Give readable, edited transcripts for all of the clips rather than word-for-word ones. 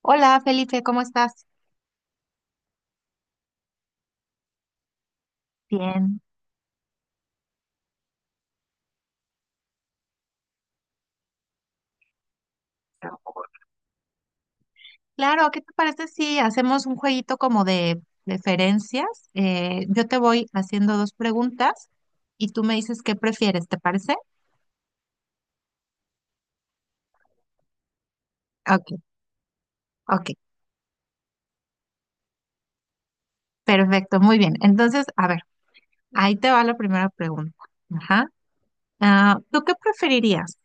Hola Felipe, ¿cómo estás? Bien. Claro, ¿qué te parece si hacemos un jueguito como de preferencias? Yo te voy haciendo dos preguntas y tú me dices qué prefieres, ¿te parece? Ok, ok, perfecto, muy bien. Entonces, a ver, ahí te va la primera pregunta. Ajá. ¿Tú qué preferirías?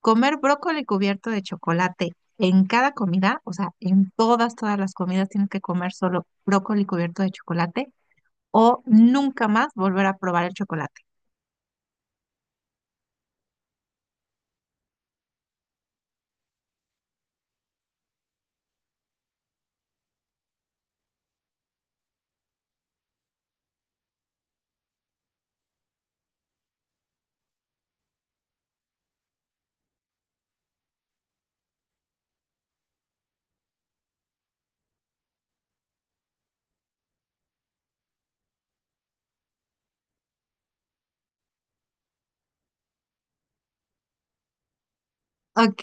¿Comer brócoli cubierto de chocolate en cada comida? O sea, en todas, todas las comidas tienes que comer solo brócoli cubierto de chocolate, o nunca más volver a probar el chocolate. Ok,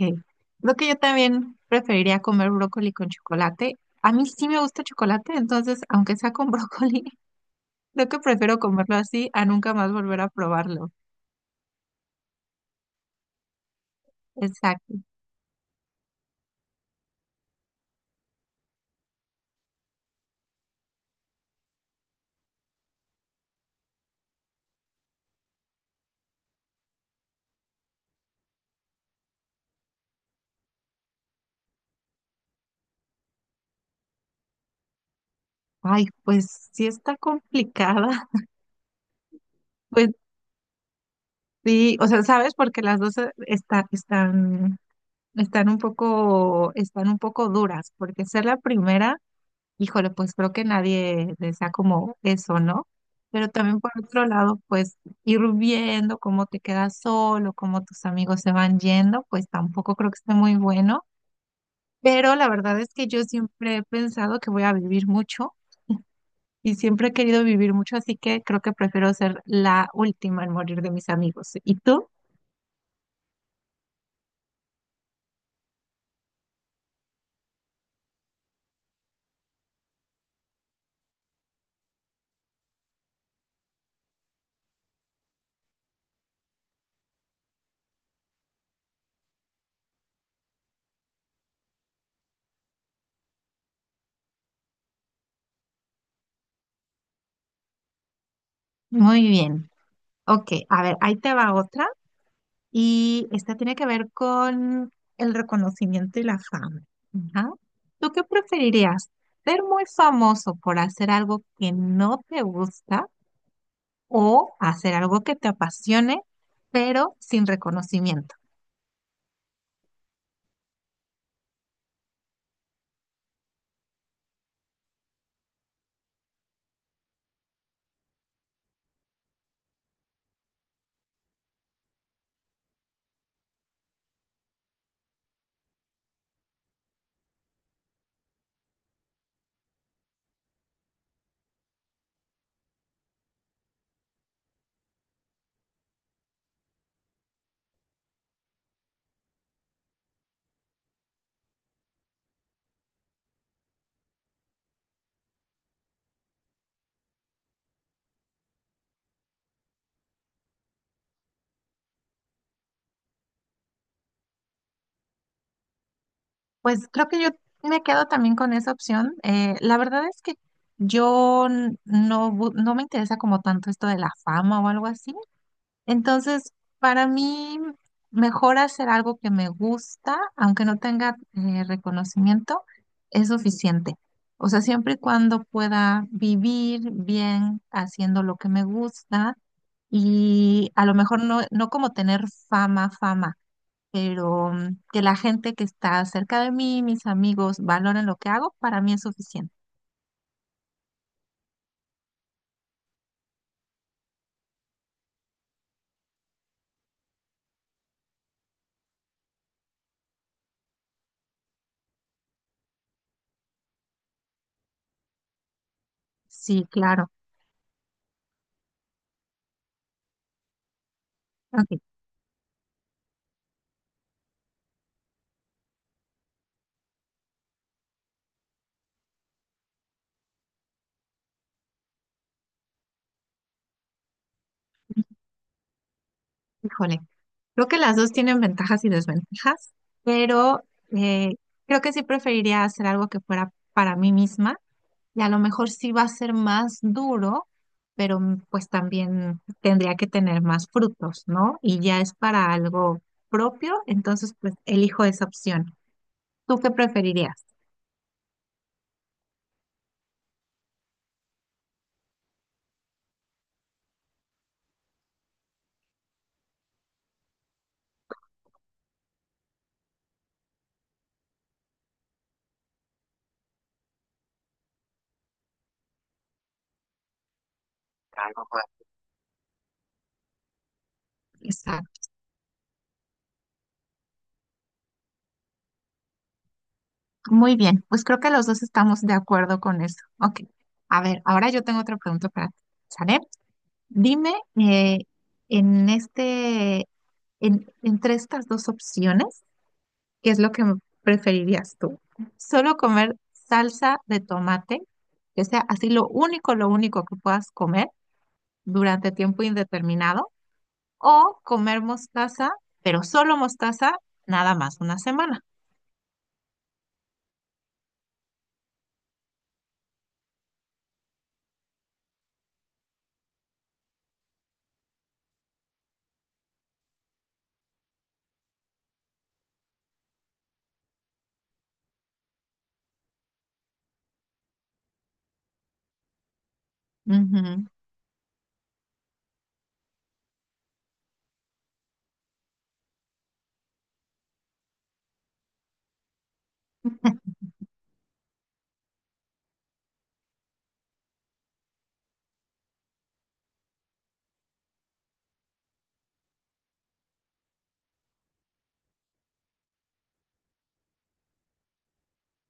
lo que yo también preferiría comer brócoli con chocolate. A mí sí me gusta el chocolate, entonces, aunque sea con brócoli, creo que prefiero comerlo así a nunca más volver a probarlo. Exacto. Ay, pues sí está complicada. Pues sí, o sea, ¿sabes? Porque las dos están, están un poco duras, porque ser la primera. Híjole, pues creo que nadie desea como eso, ¿no? Pero también por otro lado, pues ir viendo cómo te quedas solo, cómo tus amigos se van yendo, pues tampoco creo que esté muy bueno. Pero la verdad es que yo siempre he pensado que voy a vivir mucho y siempre he querido vivir mucho, así que creo que prefiero ser la última en morir de mis amigos. ¿Y tú? Muy bien. Ok, a ver, ahí te va otra. Y esta tiene que ver con el reconocimiento y la fama. Ajá. ¿Tú qué preferirías? ¿Ser muy famoso por hacer algo que no te gusta, o hacer algo que te apasione, pero sin reconocimiento? Pues creo que yo me quedo también con esa opción. La verdad es que yo no, no me interesa como tanto esto de la fama o algo así. Entonces, para mí, mejor hacer algo que me gusta, aunque no tenga reconocimiento, es suficiente. O sea, siempre y cuando pueda vivir bien haciendo lo que me gusta y a lo mejor no, no como tener fama, fama, pero mm, que la gente que está cerca de mí, mis amigos, valoren lo que hago, para mí es suficiente. Sí, claro. Ok. Híjole, creo que las dos tienen ventajas y desventajas, pero eh, creo que sí preferiría hacer algo que fuera para mí misma, y a lo mejor sí va a ser más duro, pero mm, pues también tendría que tener más frutos, ¿no? Y ya es para algo propio, entonces pues elijo esa opción. ¿Tú qué preferirías? Exacto. Muy bien, pues creo que los dos estamos de acuerdo con eso. Ok, a ver, ahora yo tengo otra pregunta para ti. ¿Sale? Dime, eh, en entre estas dos opciones, ¿qué es lo que preferirías tú? ¿Solo comer salsa de tomate, que sea así lo único que puedas comer durante tiempo indeterminado? ¿O comer mostaza, pero solo mostaza, nada más una semana?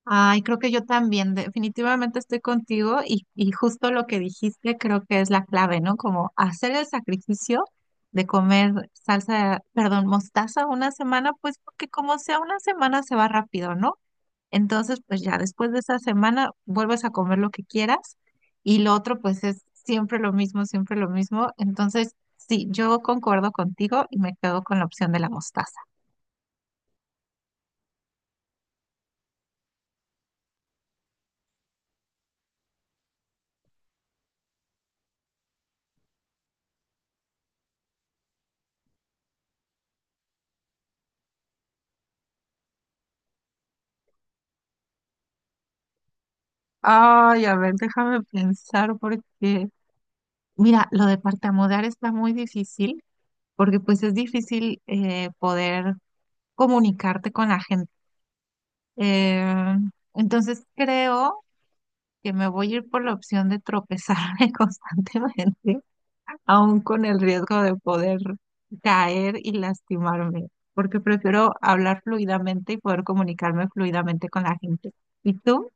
Ay, creo que yo también, definitivamente estoy contigo y justo lo que dijiste creo que es la clave, ¿no? Como hacer el sacrificio de comer salsa, perdón, mostaza una semana, pues porque como sea una semana se va rápido, ¿no? Entonces, pues ya después de esa semana vuelves a comer lo que quieras, y lo otro pues es siempre lo mismo, siempre lo mismo. Entonces, sí, yo concuerdo contigo y me quedo con la opción de la mostaza. Ay, a ver, déjame pensar porque mira, lo de tartamudear está muy difícil porque pues es difícil poder comunicarte con la gente. Eh, entonces creo que me voy a ir por la opción de tropezarme constantemente, aún con el riesgo de poder caer y lastimarme, porque prefiero hablar fluidamente y poder comunicarme fluidamente con la gente. ¿Y tú?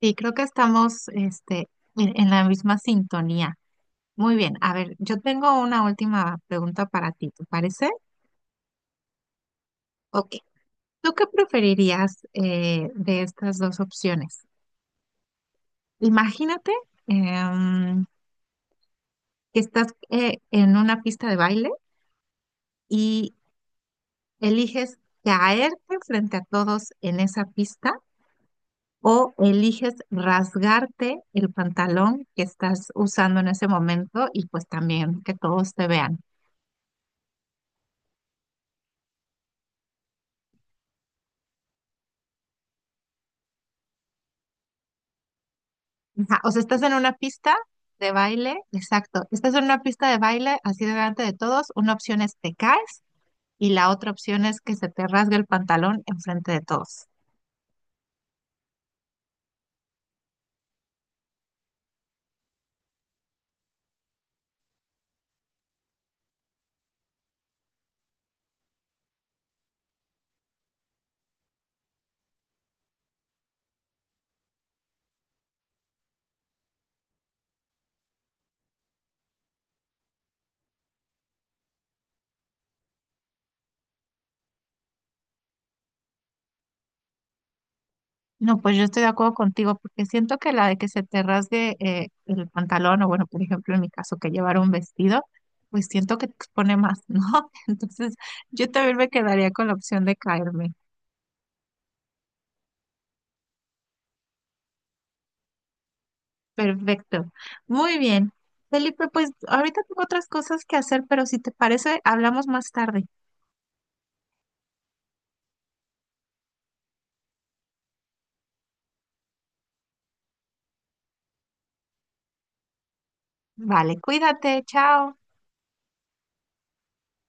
Sí, creo que estamos este, en la misma sintonía. Muy bien, a ver, yo tengo una última pregunta para ti, ¿te parece? Ok, ¿tú qué preferirías de estas dos opciones? Imagínate em, que estás en una pista de baile y eliges caerte frente a todos en esa pista, o eliges rasgarte el pantalón que estás usando en ese momento y pues también que todos te vean. Ajá. O sea, estás en una pista de baile, exacto. Estás en una pista de baile así delante de todos. Una opción es te caes, y la otra opción es que se te rasgue el pantalón enfrente de todos. No, pues yo estoy de acuerdo contigo porque siento que la de que se te rasgue el pantalón o bueno, por ejemplo, en mi caso que llevar un vestido, pues siento que te expone más, ¿no? Entonces, yo también me quedaría con la opción de caerme. Perfecto. Muy bien. Felipe, pues ahorita tengo otras cosas que hacer, pero si te parece, hablamos más tarde. Vale, cuídate, chao.